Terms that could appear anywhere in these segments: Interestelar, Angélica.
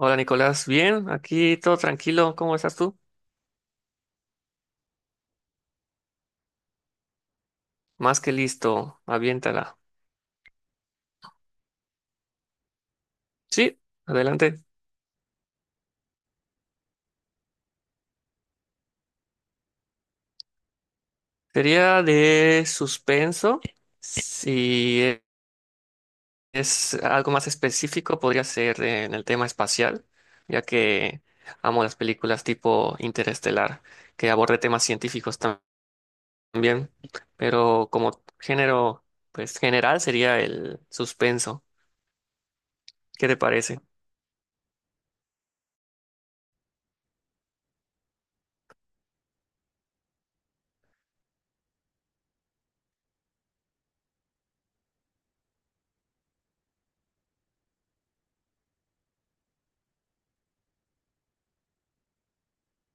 Hola Nicolás, bien, aquí todo tranquilo, ¿cómo estás tú? Más que listo, aviéntala. Sí, adelante. Sería de suspenso. Si e-, Es algo más específico, podría ser en el tema espacial, ya que amo las películas tipo Interestelar, que aborde temas científicos también, pero como género, pues general sería el suspenso. ¿Qué te parece?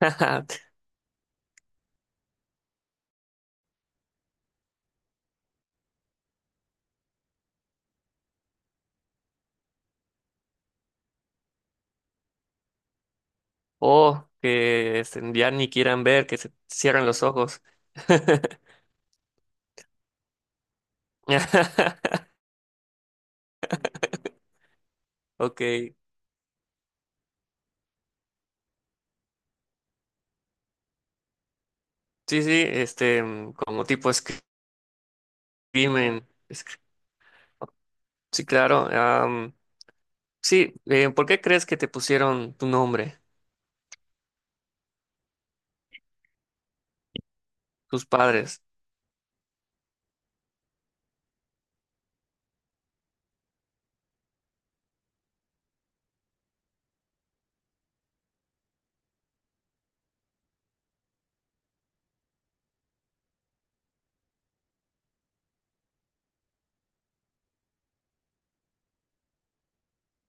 O ya ni quieran ver, que se cierran los ojos. Ok, sí, sí, como tipo Screamen. Sí, claro. Sí, ¿por qué crees que te pusieron tu nombre, tus padres?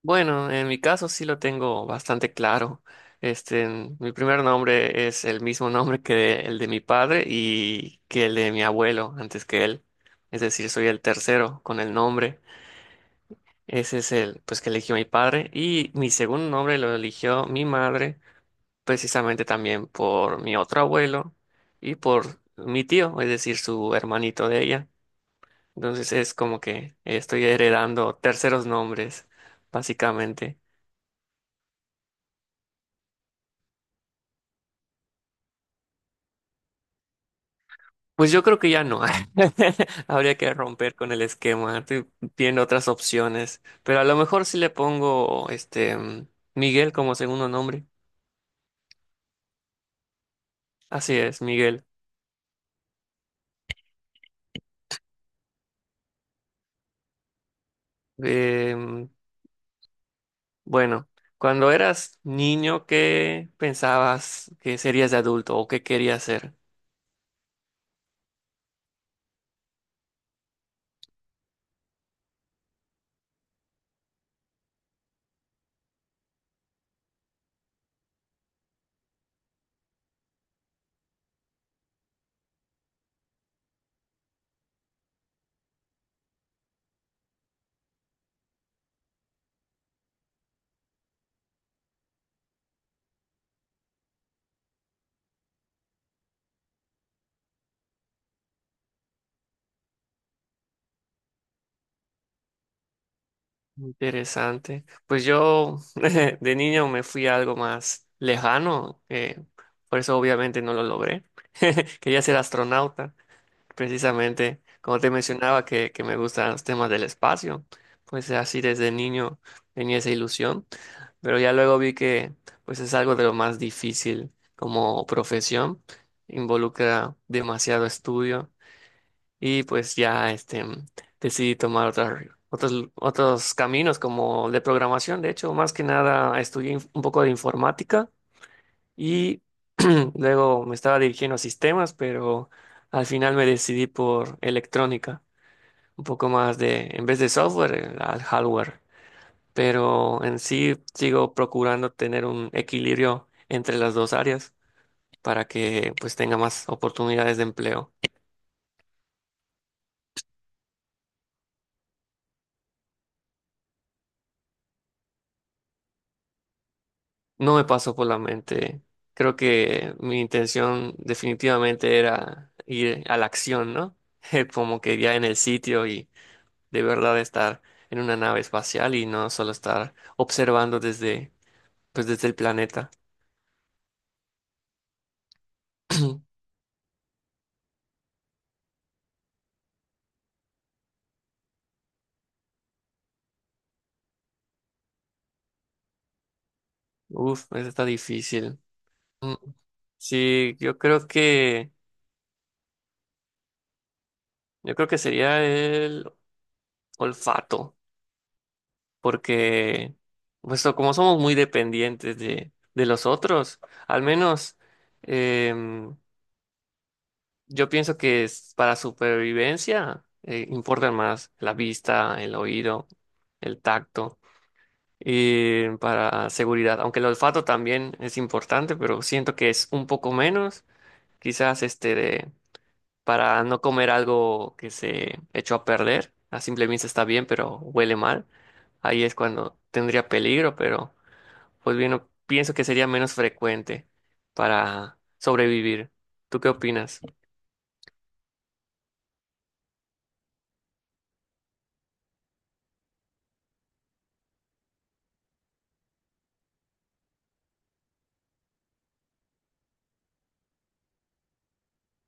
Bueno, en mi caso sí lo tengo bastante claro. Mi primer nombre es el mismo nombre que el de mi padre y que el de mi abuelo antes que él. Es decir, soy el tercero con el nombre. Ese es el, pues, que eligió mi padre. Y mi segundo nombre lo eligió mi madre, precisamente también por mi otro abuelo y por mi tío, es decir, su hermanito de ella. Entonces es como que estoy heredando terceros nombres, básicamente. Pues yo creo que ya no. Habría que romper con el esquema. Estoy viendo otras opciones. Pero a lo mejor sí le pongo Miguel como segundo nombre. Así es, Miguel. Em, Bueno, cuando eras niño, ¿qué pensabas que serías de adulto o qué querías ser? Interesante. Pues yo de niño me fui a algo más lejano, por eso obviamente no lo logré. Quería ser astronauta. Precisamente, como te mencionaba, que me gustan los temas del espacio, pues así desde niño tenía esa ilusión, pero ya luego vi que pues es algo de lo más difícil como profesión, involucra demasiado estudio y pues decidí tomar otros caminos como de programación, de hecho, más que nada estudié un poco de informática y luego me estaba dirigiendo a sistemas, pero al final me decidí por electrónica, un poco más de, en vez de software, al hardware. Pero en sí sigo procurando tener un equilibrio entre las dos áreas para que pues tenga más oportunidades de empleo. No me pasó por la mente. Creo que mi intención definitivamente era ir a la acción, ¿no? Como que ya en el sitio y de verdad estar en una nave espacial y no solo estar observando desde, pues desde el planeta. Uf, eso está difícil. Mm, sí, yo creo que sería el olfato, porque pues, como somos muy dependientes de los otros, al menos em, yo pienso que es para supervivencia, importan más la vista, el oído, el tacto. Y para seguridad, aunque el olfato también es importante, pero siento que es un poco menos, quizás este de, para no comer algo que se echó a perder, a simple vista está bien, pero huele mal, ahí es cuando tendría peligro, pero pues bien, pienso que sería menos frecuente para sobrevivir. ¿Tú qué opinas?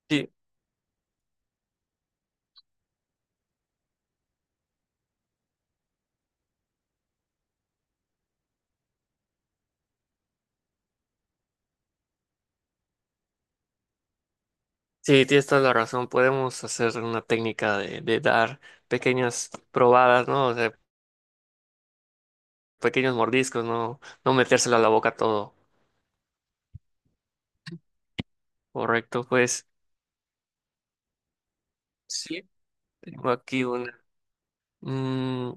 Sí, sí, tienes toda la razón, podemos hacer una técnica de dar pequeñas probadas, ¿no? Pequeños mordiscos, no, no metérselo a la boca todo. Correcto, pues sí, tengo aquí una. Mm,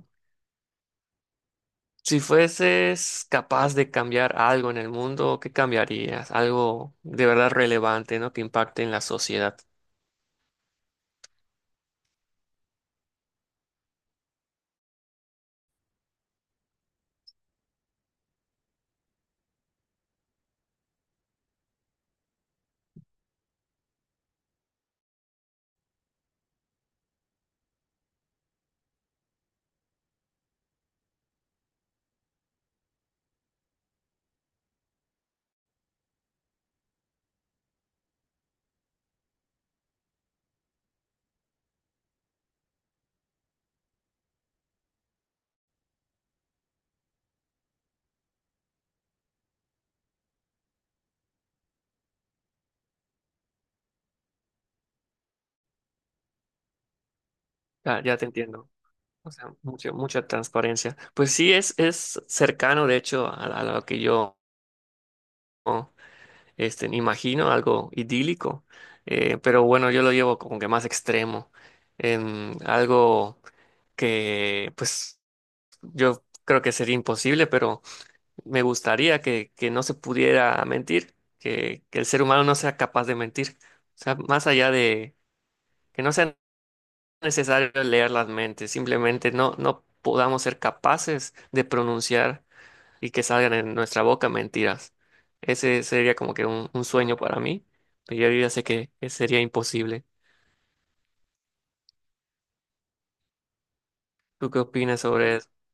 si fueses capaz de cambiar algo en el mundo, ¿qué cambiarías? Algo de verdad relevante, ¿no? Que impacte en la sociedad. Ah, ya te entiendo. O sea, mucha transparencia. Pues sí, es cercano, de hecho, a lo que yo ¿no? Imagino, algo idílico. Pero bueno, yo lo llevo como que más extremo. Em, algo. Que pues yo creo que sería imposible, pero me gustaría que no se pudiera mentir, que el ser humano no sea capaz de mentir. O sea, más allá de que no sea necesario leer las mentes, simplemente no podamos ser capaces de pronunciar y que salgan en nuestra boca mentiras. Ese sería como que un sueño para mí, pero yo ya sé que sería imposible. ¿Tú qué opinas sobre eso?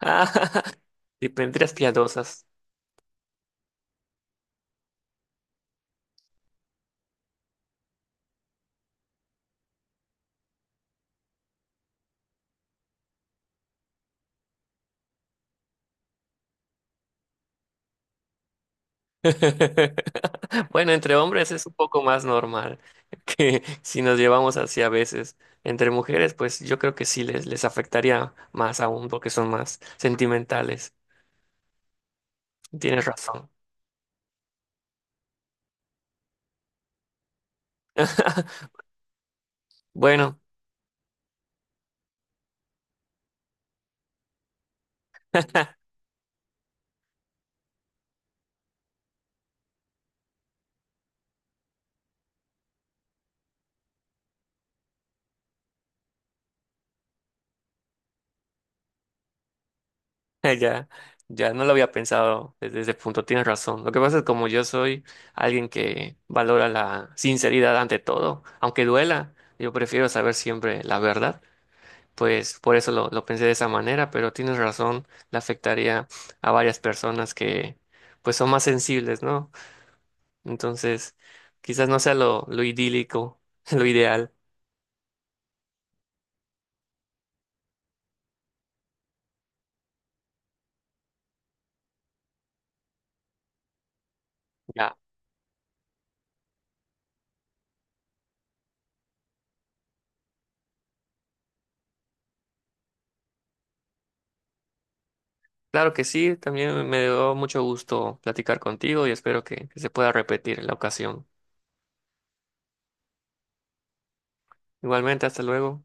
Ah, y mentiras piadosas. Bueno, entre hombres es un poco más normal que si nos llevamos así a veces. Entre mujeres, pues yo creo que sí les afectaría más aún porque son más sentimentales. Tienes razón. Bueno, ya, ya no lo había pensado desde ese punto, tienes razón. Lo que pasa es como yo soy alguien que valora la sinceridad ante todo, aunque duela, yo prefiero saber siempre la verdad, pues por eso lo pensé de esa manera, pero tienes razón, le afectaría a varias personas que pues son más sensibles, ¿no? Entonces, quizás no sea lo idílico, lo ideal. Ya. Claro que sí, también me dio mucho gusto platicar contigo y espero que se pueda repetir la ocasión. Igualmente, hasta luego.